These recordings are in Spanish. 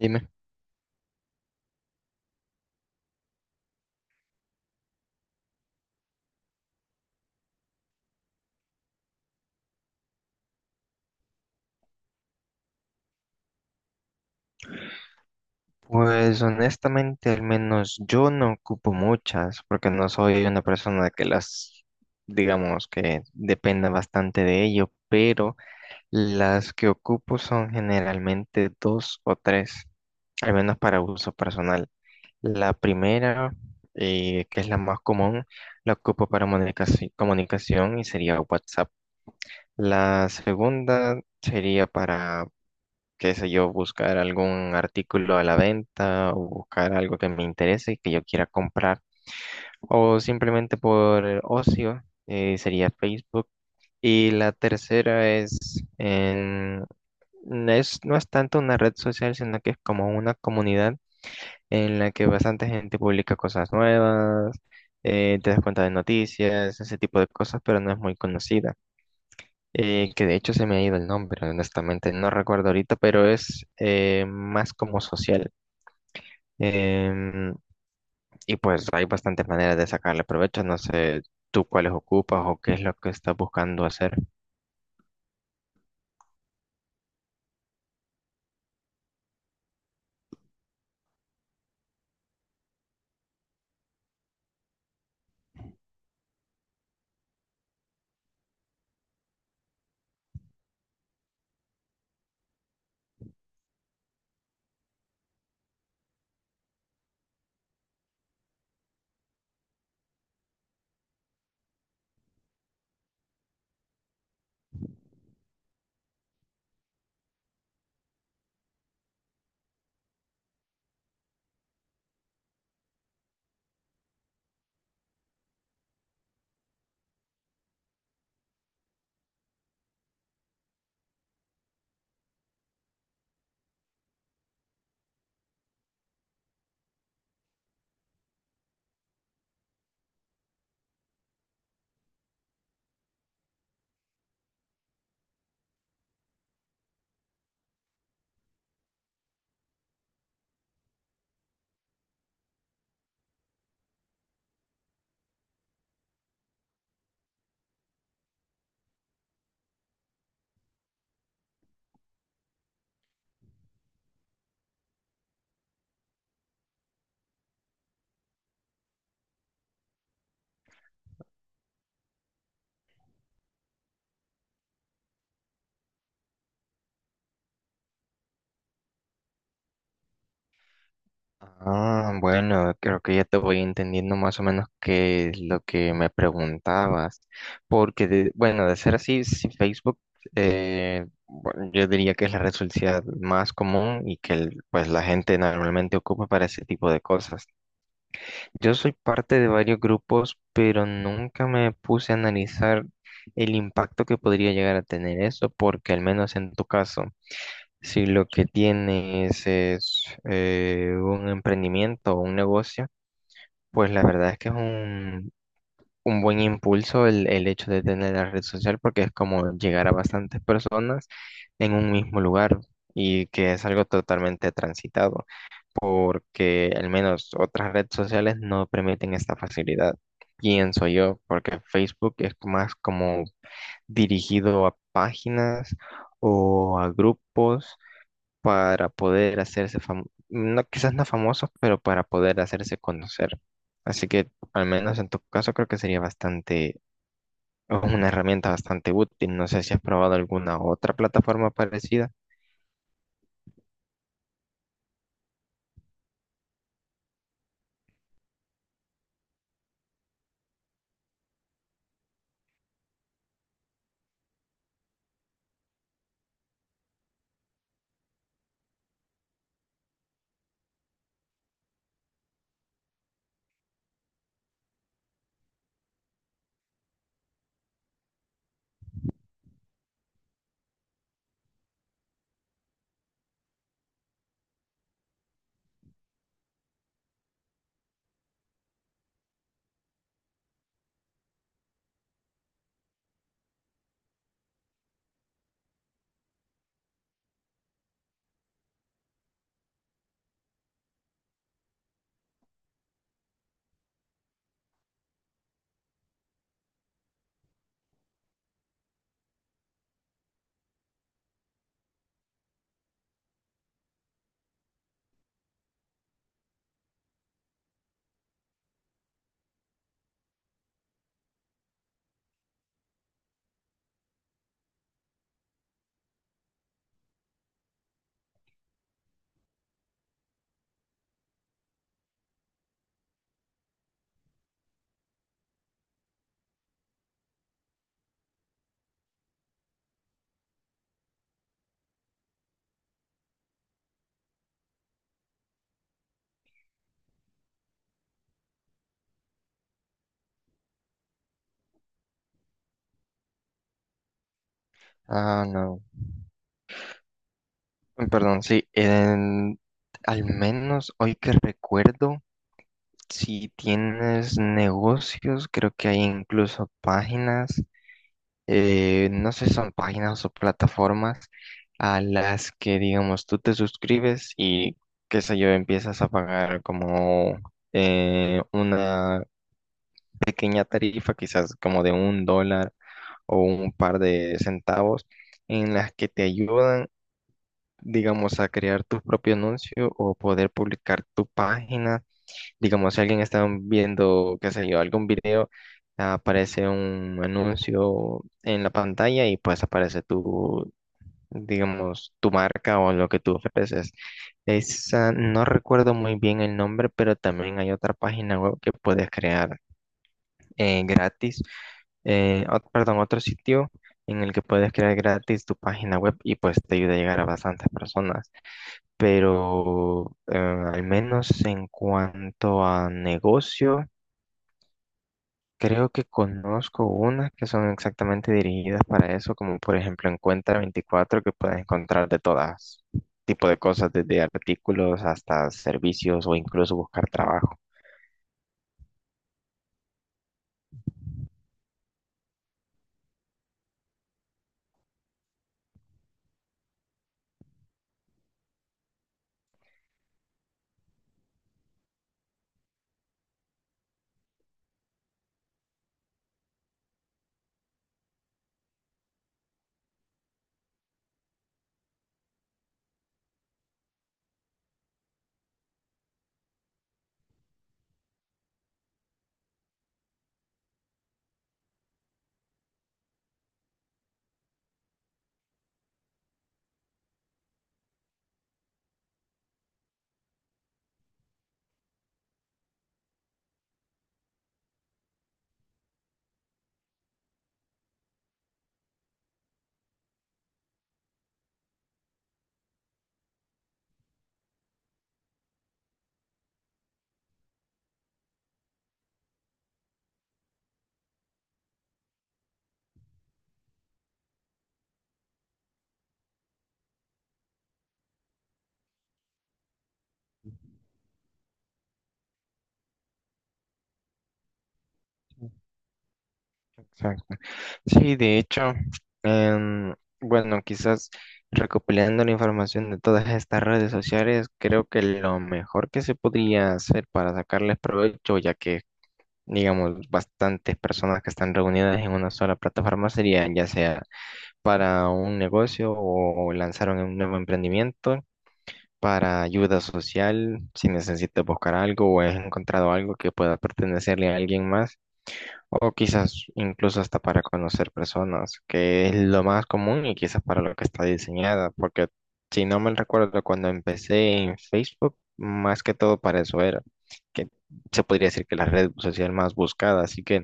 Dime. Pues honestamente, al menos yo no ocupo muchas, porque no soy una persona que las, digamos, que dependa bastante de ello, pero las que ocupo son generalmente dos o tres, al menos para uso personal. La primera, que es la más común, la ocupo para comunicación y sería WhatsApp. La segunda sería para qué sé yo, buscar algún artículo a la venta o buscar algo que me interese y que yo quiera comprar. O simplemente por ocio, sería Facebook. Y la tercera es, no es, no es tanto una red social, sino que es como una comunidad en la que bastante gente publica cosas nuevas, te das cuenta de noticias, ese tipo de cosas, pero no es muy conocida, que de hecho se me ha ido el nombre, honestamente, no recuerdo ahorita, pero es, más como social. Em, y pues hay bastantes maneras de sacarle provecho, no sé tú cuáles ocupas o qué es lo que estás buscando hacer. Ah, bueno, creo que ya te voy entendiendo más o menos qué es lo que me preguntabas, porque bueno, de ser así, si Facebook, bueno, yo diría que es la red social más común y que pues la gente normalmente ocupa para ese tipo de cosas. Yo soy parte de varios grupos, pero nunca me puse a analizar el impacto que podría llegar a tener eso, porque al menos en tu caso, si lo que tienes es, un emprendimiento o un negocio, pues la verdad es que es un buen impulso el hecho de tener la red social, porque es como llegar a bastantes personas en un mismo lugar y que es algo totalmente transitado, porque al menos otras redes sociales no permiten esta facilidad, pienso yo, porque Facebook es más como dirigido a páginas o a grupos para poder hacerse famosos, no, quizás no famosos, pero para poder hacerse conocer. Así que al menos en tu caso creo que sería bastante, una herramienta bastante útil. No sé si has probado alguna otra plataforma parecida. Ah, no. Perdón, sí, al menos hoy que recuerdo, si tienes negocios, creo que hay incluso páginas, no sé si son páginas o plataformas a las que, digamos, tú te suscribes y, qué sé yo, empiezas a pagar como, una pequeña tarifa, quizás como de un dólar o un par de centavos, en las que te ayudan, digamos, a crear tu propio anuncio o poder publicar tu página. Digamos, si alguien está viendo, qué sé yo, algún video, aparece un anuncio en la pantalla y pues aparece tu, digamos, tu marca o lo que tú ofreces. Esa, no recuerdo muy bien el nombre, pero también hay otra página web que puedes crear, gratis, perdón, otro sitio en el que puedes crear gratis tu página web y pues te ayuda a llegar a bastantes personas, pero, al menos en cuanto a negocio, creo que conozco unas que son exactamente dirigidas para eso, como por ejemplo en Cuenta 24, que puedes encontrar de todas tipo de cosas, desde artículos hasta servicios o incluso buscar trabajo. Exacto. Sí, de hecho, em, bueno, quizás recopilando la información de todas estas redes sociales, creo que lo mejor que se podría hacer para sacarles provecho, ya que, digamos, bastantes personas que están reunidas en una sola plataforma, sería ya sea para un negocio o lanzar un nuevo emprendimiento, para ayuda social, si necesitas buscar algo o has encontrado algo que pueda pertenecerle a alguien más, o quizás incluso hasta para conocer personas, que es lo más común y quizás para lo que está diseñada, porque si no mal recuerdo, cuando empecé en Facebook, más que todo para eso era, que se podría decir que la red social más buscada, así que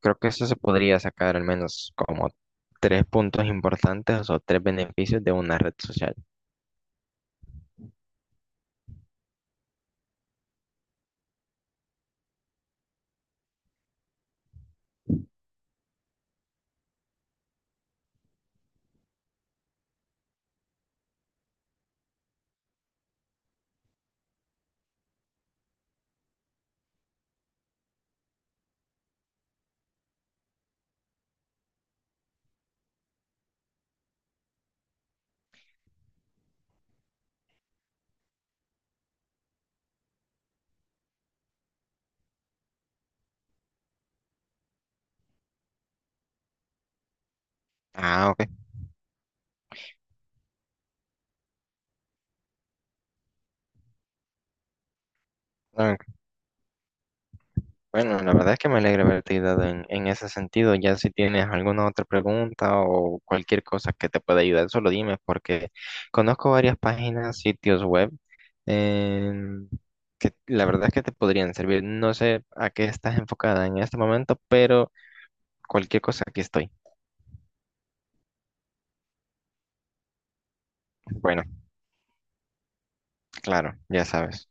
creo que eso se podría sacar al menos como tres puntos importantes o tres beneficios de una red social. Ah, ok. Ah, bueno, la verdad es que me alegra haberte ayudado en ese sentido. Ya si tienes alguna otra pregunta o cualquier cosa que te pueda ayudar, solo dime, porque conozco varias páginas, sitios web, em, que la verdad es que te podrían servir. No sé a qué estás enfocada en este momento, pero cualquier cosa aquí estoy. Bueno, claro, ya sabes.